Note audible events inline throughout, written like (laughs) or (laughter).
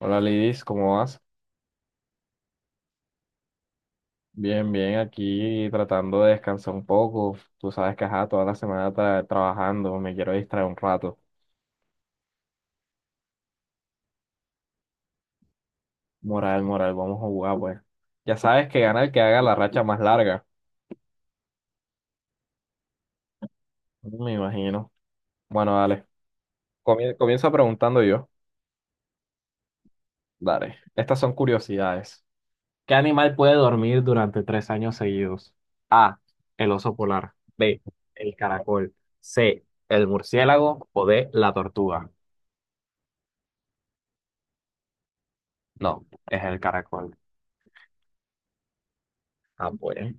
Hola Lidis, ¿cómo vas? Bien, bien, aquí tratando de descansar un poco. Tú sabes que ajá, toda la semana trabajando, me quiero distraer un rato. Moral, moral, vamos a jugar, pues. Ya sabes que gana el que haga la racha más larga. Me imagino. Bueno, dale. Comienzo preguntando yo. Dale. Estas son curiosidades. ¿Qué animal puede dormir durante 3 años seguidos? A. El oso polar. B. El caracol. C. El murciélago. O D. La tortuga. No, es el caracol. Ah, pues.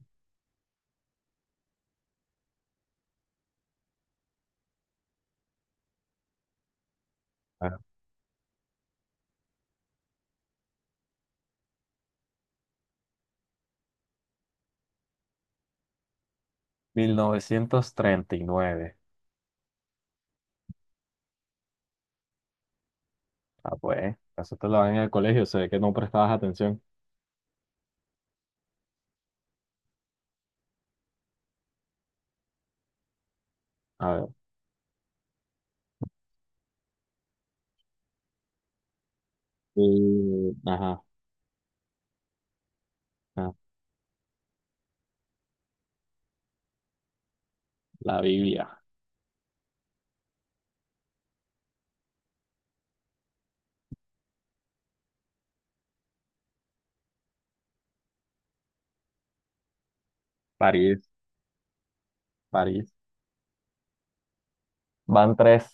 Ah, 1939. Ah, pues, eso te lo dan en el colegio, se ve que no prestabas atención. A ver. Ajá, ah, la Biblia. París, París. Van tres.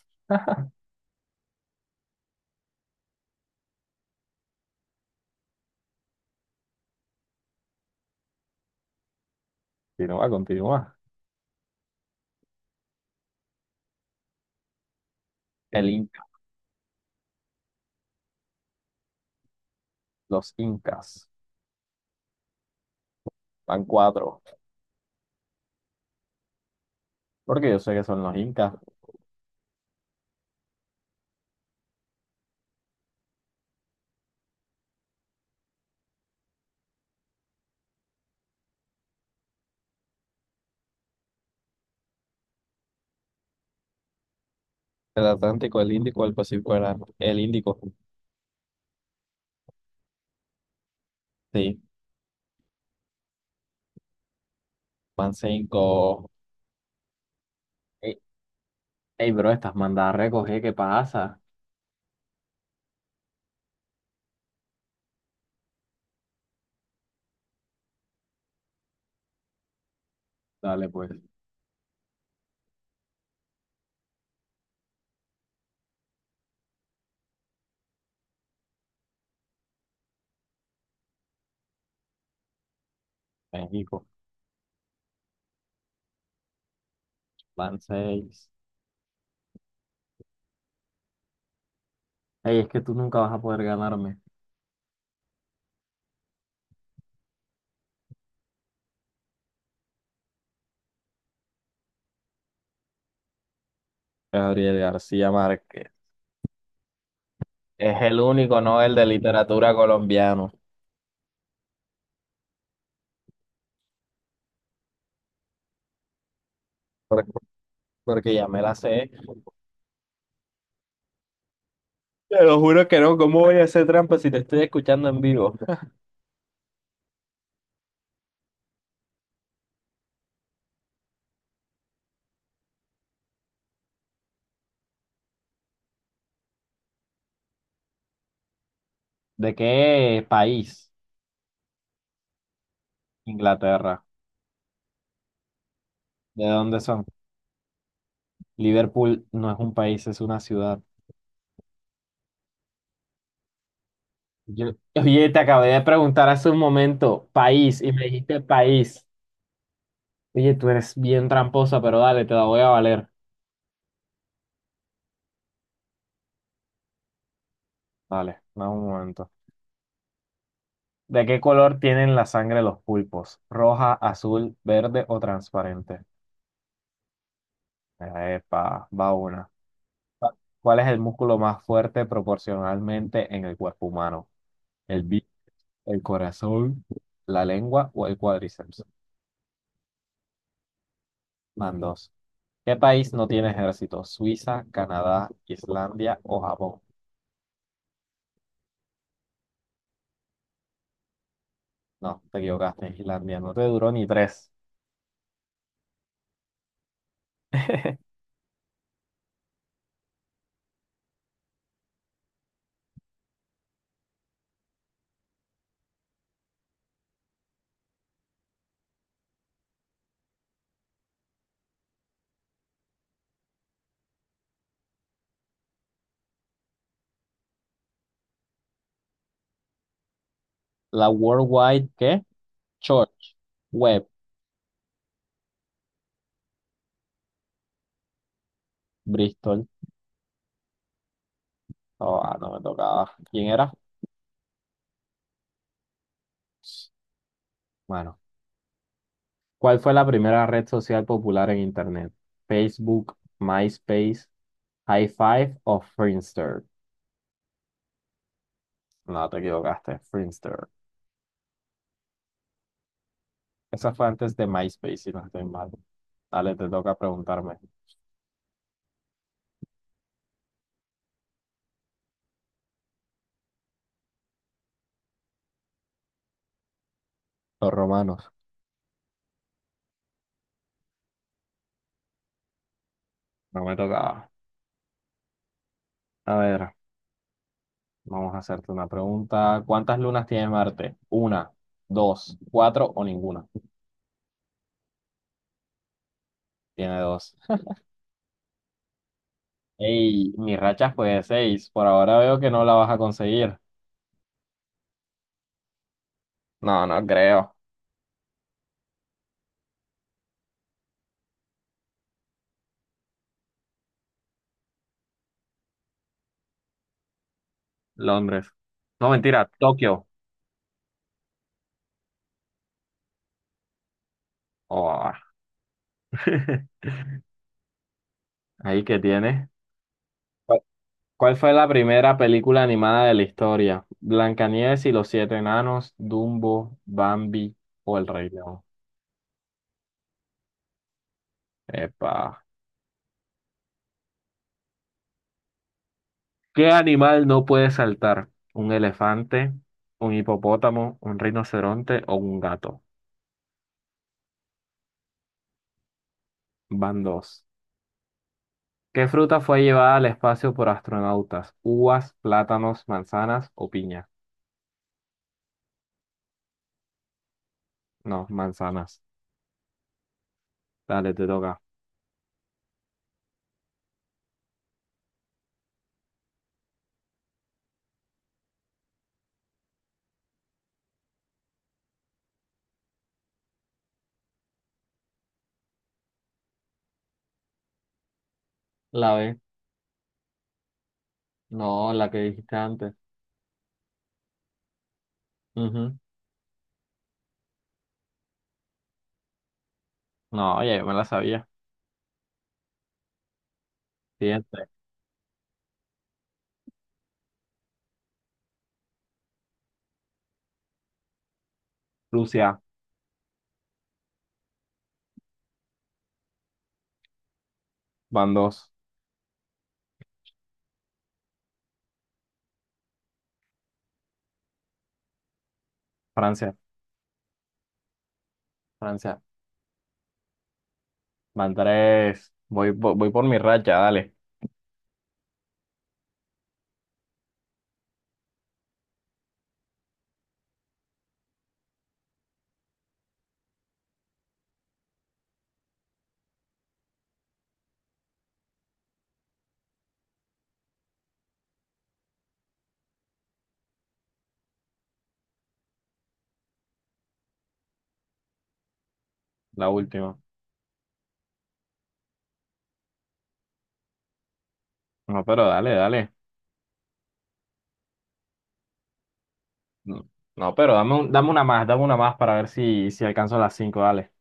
Continúa, continúa. El Inca, los Incas. Van cuatro. Porque yo sé que son los Incas. El Atlántico, el Índico, el Pacífico era el Índico. Sí, van cinco. Ey, ey, bro, estás mandada a recoger, ¿qué pasa? Dale, pues. México, van seis. Ey, es que tú nunca vas a poder ganarme. Gabriel García Márquez. Es el único Nobel de literatura colombiano. por- Porque ya me la sé. Te lo juro que no. ¿Cómo voy a hacer trampa si te estoy escuchando en vivo? ¿De qué país? Inglaterra. ¿De dónde son? Liverpool no es un país, es una ciudad. Yo, oye, te acabé de preguntar hace un momento, país, y me dijiste país. Oye, tú eres bien tramposa, pero dale, te la voy a valer. Dale, dame un momento. ¿De qué color tienen la sangre los pulpos? ¿Roja, azul, verde o transparente? Epa, va una. ¿Cuál es el músculo más fuerte proporcionalmente en el cuerpo humano? ¿El bíceps, el corazón, la lengua o el cuádriceps? Van dos. ¿Qué país no tiene ejército? ¿Suiza, Canadá, Islandia o Japón? No, te equivocaste, Islandia. No te duró ni tres. La worldwide ¿qué? Church, Web, Bristol. Oh, ah, no me tocaba. ¿Quién era? Bueno. ¿Cuál fue la primera red social popular en Internet? ¿Facebook, MySpace, High Five o Friendster? No, te equivocaste, Friendster. Esa fue antes de MySpace, si no estoy mal. Dale, te toca preguntarme. Los romanos. No me tocaba. A ver, vamos a hacerte una pregunta. ¿Cuántas lunas tiene Marte? ¿Una, dos, cuatro o ninguna? Tiene dos. Ey, mi racha fue de seis. Por ahora veo que no la vas a conseguir. No, no creo. Londres. No, mentira, Tokio. Oh, (laughs) ahí que tiene. ¿Cuál cuál fue la primera película animada de la historia? ¿Blancanieves y los siete enanos, Dumbo, Bambi o El Rey León? Epa. ¿Qué animal no puede saltar? ¿Un elefante, un hipopótamo, un rinoceronte o un gato? Van dos. ¿Qué fruta fue llevada al espacio por astronautas? ¿Uvas, plátanos, manzanas o piña? No, manzanas. Dale, te toca. La B. No, la que dijiste antes. Ujú. No, oye, yo me la sabía. Siguiente. Rusia, van dos. Francia, Francia, van tres. Voy por mi racha, dale. La última. No, pero dale, dale. No, no, pero dame, dame una más para ver si, si alcanzo las cinco, dale.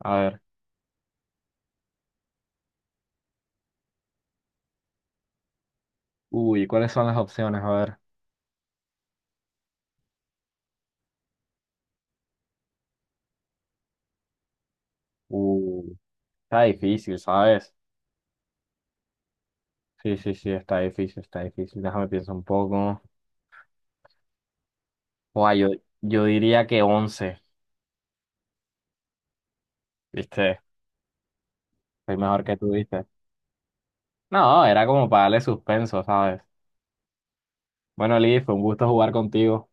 A ver. Uy, ¿cuáles son las opciones? A ver. Uh, está difícil, ¿sabes? Sí, sí, sí, está difícil, está difícil. Déjame pensar un poco. Buah, yo diría que 11, ¿viste? Soy mejor que tú, ¿viste? No, era como para darle suspenso, ¿sabes? Bueno, Liz, fue un gusto jugar contigo.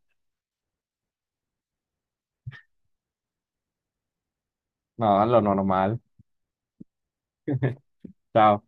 No, lo normal. (laughs) Chao.